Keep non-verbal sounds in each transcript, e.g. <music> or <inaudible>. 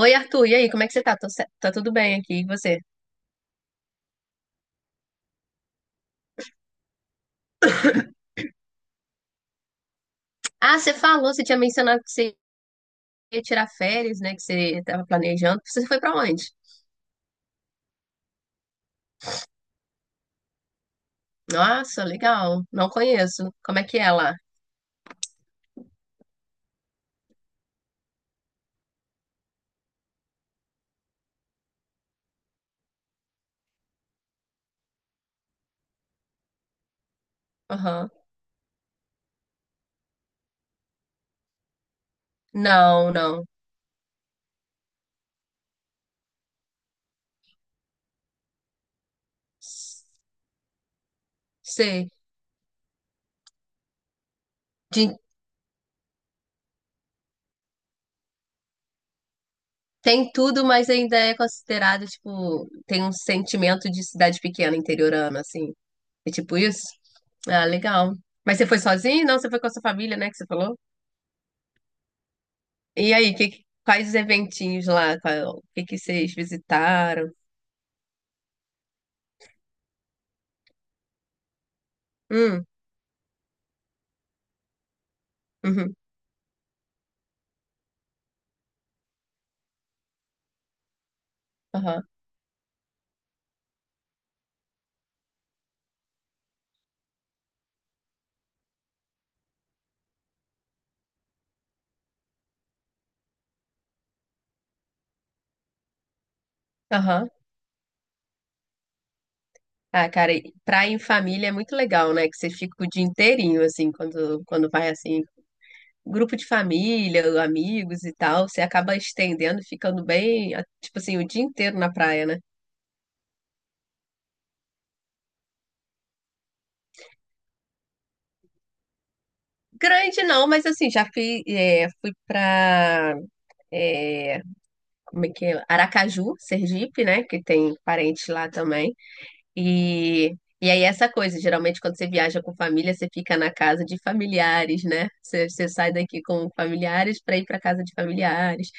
Oi, Arthur, e aí, como é que você tá? Tá tudo bem aqui, e você? Ah, você falou, você tinha mencionado que você ia tirar férias, né? Que você tava planejando. Você foi pra onde? Nossa, legal. Não conheço. Como é que é lá? Aham. Não, não. Sei. De- Tem tudo, mas ainda é considerado, tipo, tem um sentimento de cidade pequena, interiorana, assim. É tipo isso? Ah, legal. Mas você foi sozinho? Não, você foi com a sua família, né? Que você falou? E aí, quais eventinhos lá? O que que vocês visitaram? Hum, uhum, aham, aham. Ah, cara, e praia em família é muito legal, né? Que você fica o dia inteirinho, assim, quando vai, assim, grupo de família, amigos e tal, você acaba estendendo, ficando bem, ah, tipo assim, o dia inteiro na praia, né? Grande não, mas assim, já fui, é, fui pra, é, como é que é? Aracaju, Sergipe, né? Que tem parente lá também. E, e aí essa coisa, geralmente quando você viaja com família, você fica na casa de familiares, né? Você sai daqui com familiares para ir para casa de familiares.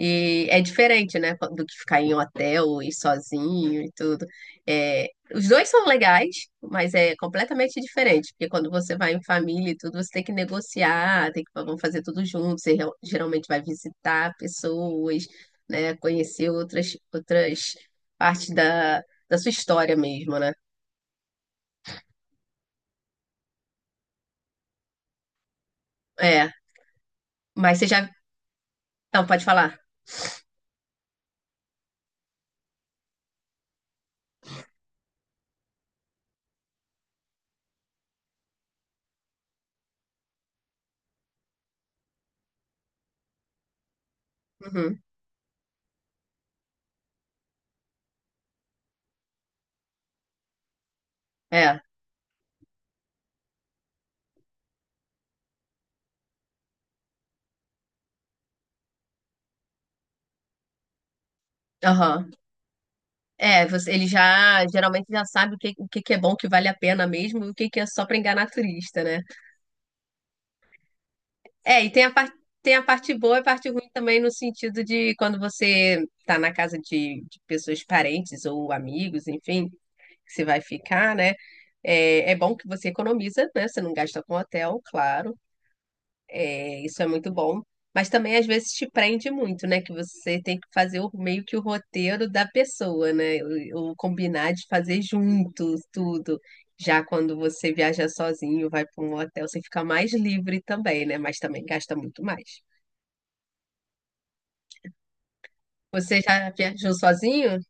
E é diferente, né, do que ficar em hotel e sozinho e tudo. É, os dois são legais, mas é completamente diferente, porque quando você vai em família e tudo, você tem que negociar, tem que vamos fazer tudo junto, geralmente vai visitar pessoas, né, conhecer outras parte da da sua história mesmo, né? É, mas você já. Não, pode falar. Uhum. É. Aham. É, você, ele já geralmente já sabe o que que é bom, o que vale a pena mesmo, e o que que é só pra enganar turista, né? É, e tem a parte boa e a parte ruim também no sentido de quando você tá na casa de pessoas parentes ou amigos, enfim, que você vai ficar, né? É, é bom que você economiza, né? Você não gasta com hotel, claro. É, isso é muito bom. Mas também às vezes te prende muito, né? Que você tem que meio que o roteiro da pessoa, né? O combinar de fazer juntos tudo. Já quando você viaja sozinho, vai para um hotel, você fica mais livre também, né? Mas também gasta muito mais. Você já viajou sozinho?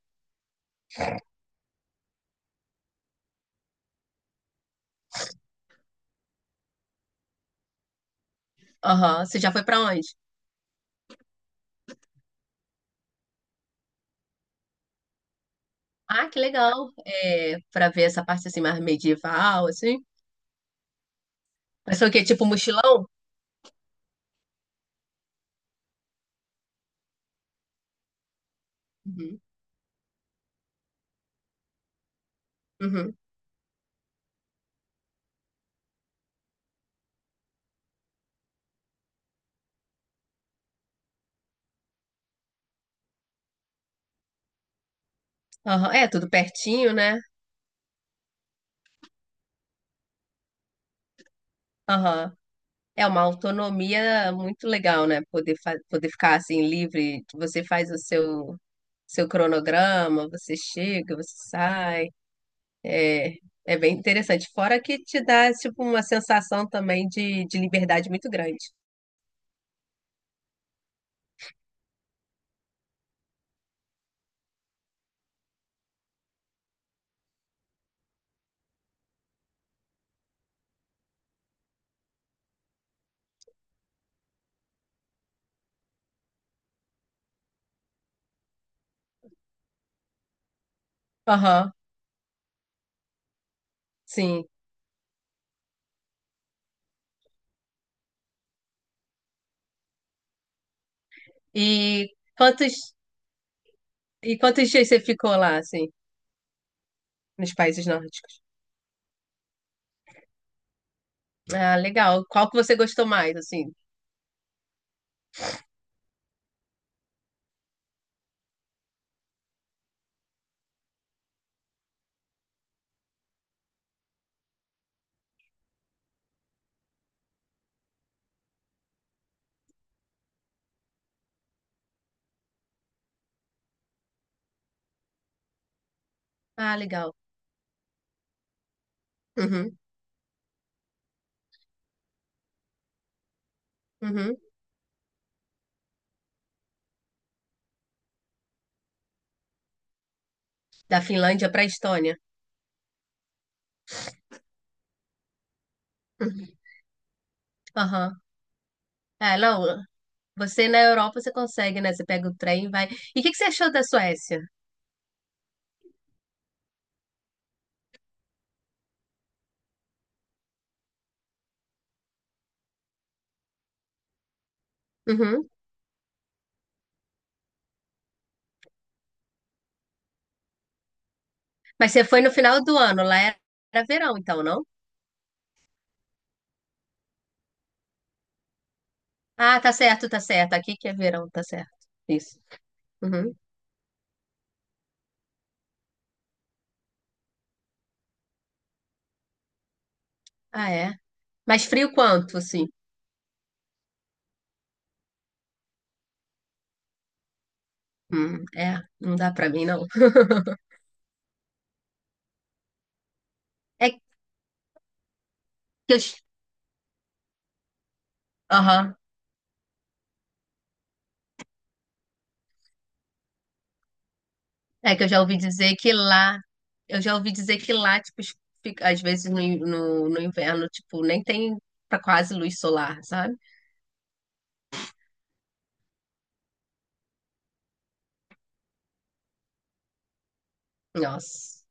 Aham. Você já foi para onde? Ah, que legal. É, para ver essa parte assim mais medieval, assim. Mas foi o quê? Tipo mochilão? Uhum. Uhum. Aham. É, tudo pertinho, né? Aham. É uma autonomia muito legal, né? Poder ficar assim livre, que você faz o seu, seu cronograma, você chega, você sai. É, é bem interessante. Fora que te dá tipo uma sensação também de liberdade muito grande. Aham, sim. E quantos, e quantos dias você ficou lá, assim, nos países nórdicos? Ah, legal. Qual que você gostou mais, assim? Ah, legal. Uhum, uhum. Da Finlândia para a Estônia. Uhum. Aham. É, não. Você na Europa, você consegue, né? Você pega o trem e vai. E o que que você achou da Suécia? Uhum. Mas você foi no final do ano, lá era verão, então, não? Ah, tá certo, tá certo. Aqui que é verão, tá certo. Isso. Uhum. Ah, é. Mas frio quanto, assim? É, não dá pra mim, não. É que eu. Aham. É que eu já ouvi dizer que lá, eu já ouvi dizer que lá, tipo, às vezes no inverno, tipo, nem tem pra quase luz solar, sabe? Nossa.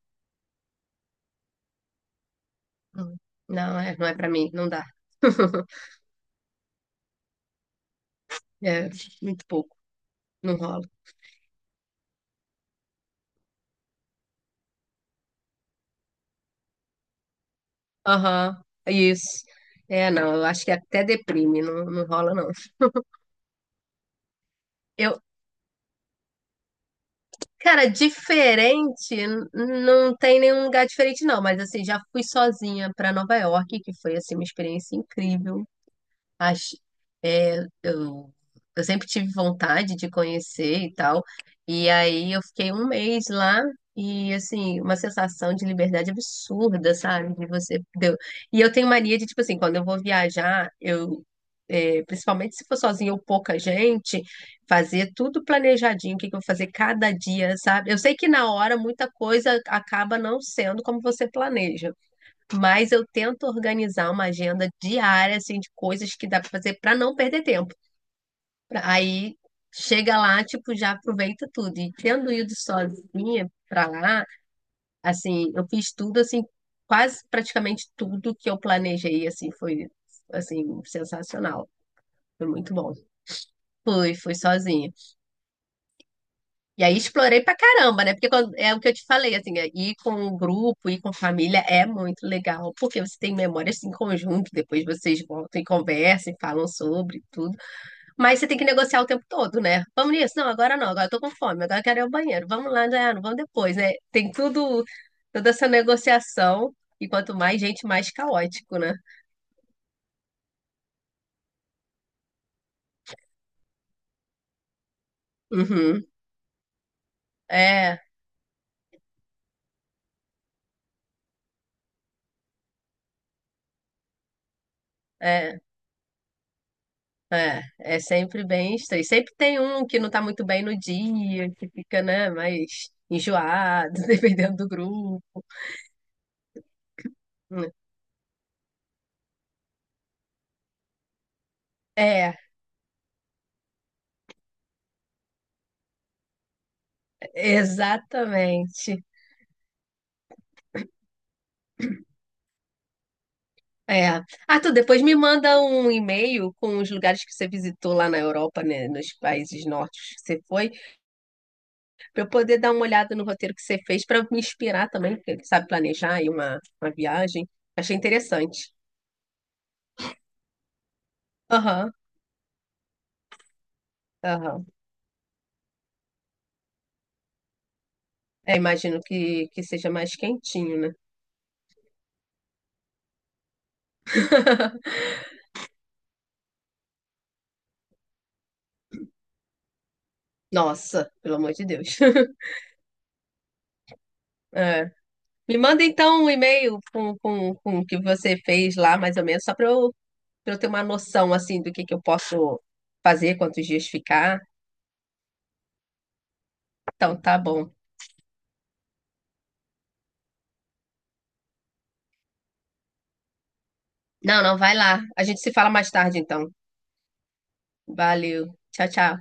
Hum. Não, é, não é pra mim, não dá. <laughs> É, muito pouco, não rola. Aham, isso. É, não, eu acho que até deprime, não, não rola, não. Eu, cara, diferente, não tem nenhum lugar diferente, não, mas assim, já fui sozinha pra Nova York, que foi, assim, uma experiência incrível. Acho, é, eu, eu sempre tive vontade de conhecer e tal. E aí eu fiquei um mês lá e assim, uma sensação de liberdade absurda, sabe? De você deu. E eu tenho mania de, tipo assim, quando eu vou viajar, eu é, principalmente se for sozinha ou pouca gente, fazer tudo planejadinho, o que que eu vou fazer cada dia, sabe? Eu sei que na hora muita coisa acaba não sendo como você planeja. Mas eu tento organizar uma agenda diária, assim, de coisas que dá pra fazer pra não perder tempo. Aí chega lá, tipo, já aproveita tudo. E tendo ido sozinha pra lá, assim, eu fiz tudo, assim, quase praticamente tudo que eu planejei, assim, foi, assim, sensacional. Foi muito bom. Fui sozinha. E aí explorei pra caramba, né? É o que eu te falei, assim, é, ir com um grupo, ir com família é muito legal, porque você tem memórias em conjunto, depois vocês voltam e conversam e falam sobre tudo. Mas você tem que negociar o tempo todo, né? Vamos nisso? Não, agora não, agora eu tô com fome, agora eu quero ir ao banheiro. Vamos lá, né? Não, vamos depois, né? Tem tudo, toda essa negociação, e quanto mais gente, mais caótico, né? Uhum. É, é. É, é sempre bem estranho. Sempre tem um que não tá muito bem no dia, que fica, né, mais enjoado, <laughs> dependendo do grupo. É, exatamente. É. Ah, tu depois me manda um e-mail com os lugares que você visitou lá na Europa, né, nos países nórdicos que você foi, para eu poder dar uma olhada no roteiro que você fez, para me inspirar também, porque sabe planejar aí uma viagem. Achei interessante. Aham, aham. É, imagino que seja mais quentinho, né? <laughs> Nossa, pelo amor de Deus. <laughs> É. Me manda então um e-mail com o que você fez lá, mais ou menos, só para eu ter uma noção assim do que eu posso fazer, quantos dias ficar. Então, tá bom. Não, não, vai lá. A gente se fala mais tarde, então. Valeu. Tchau, tchau.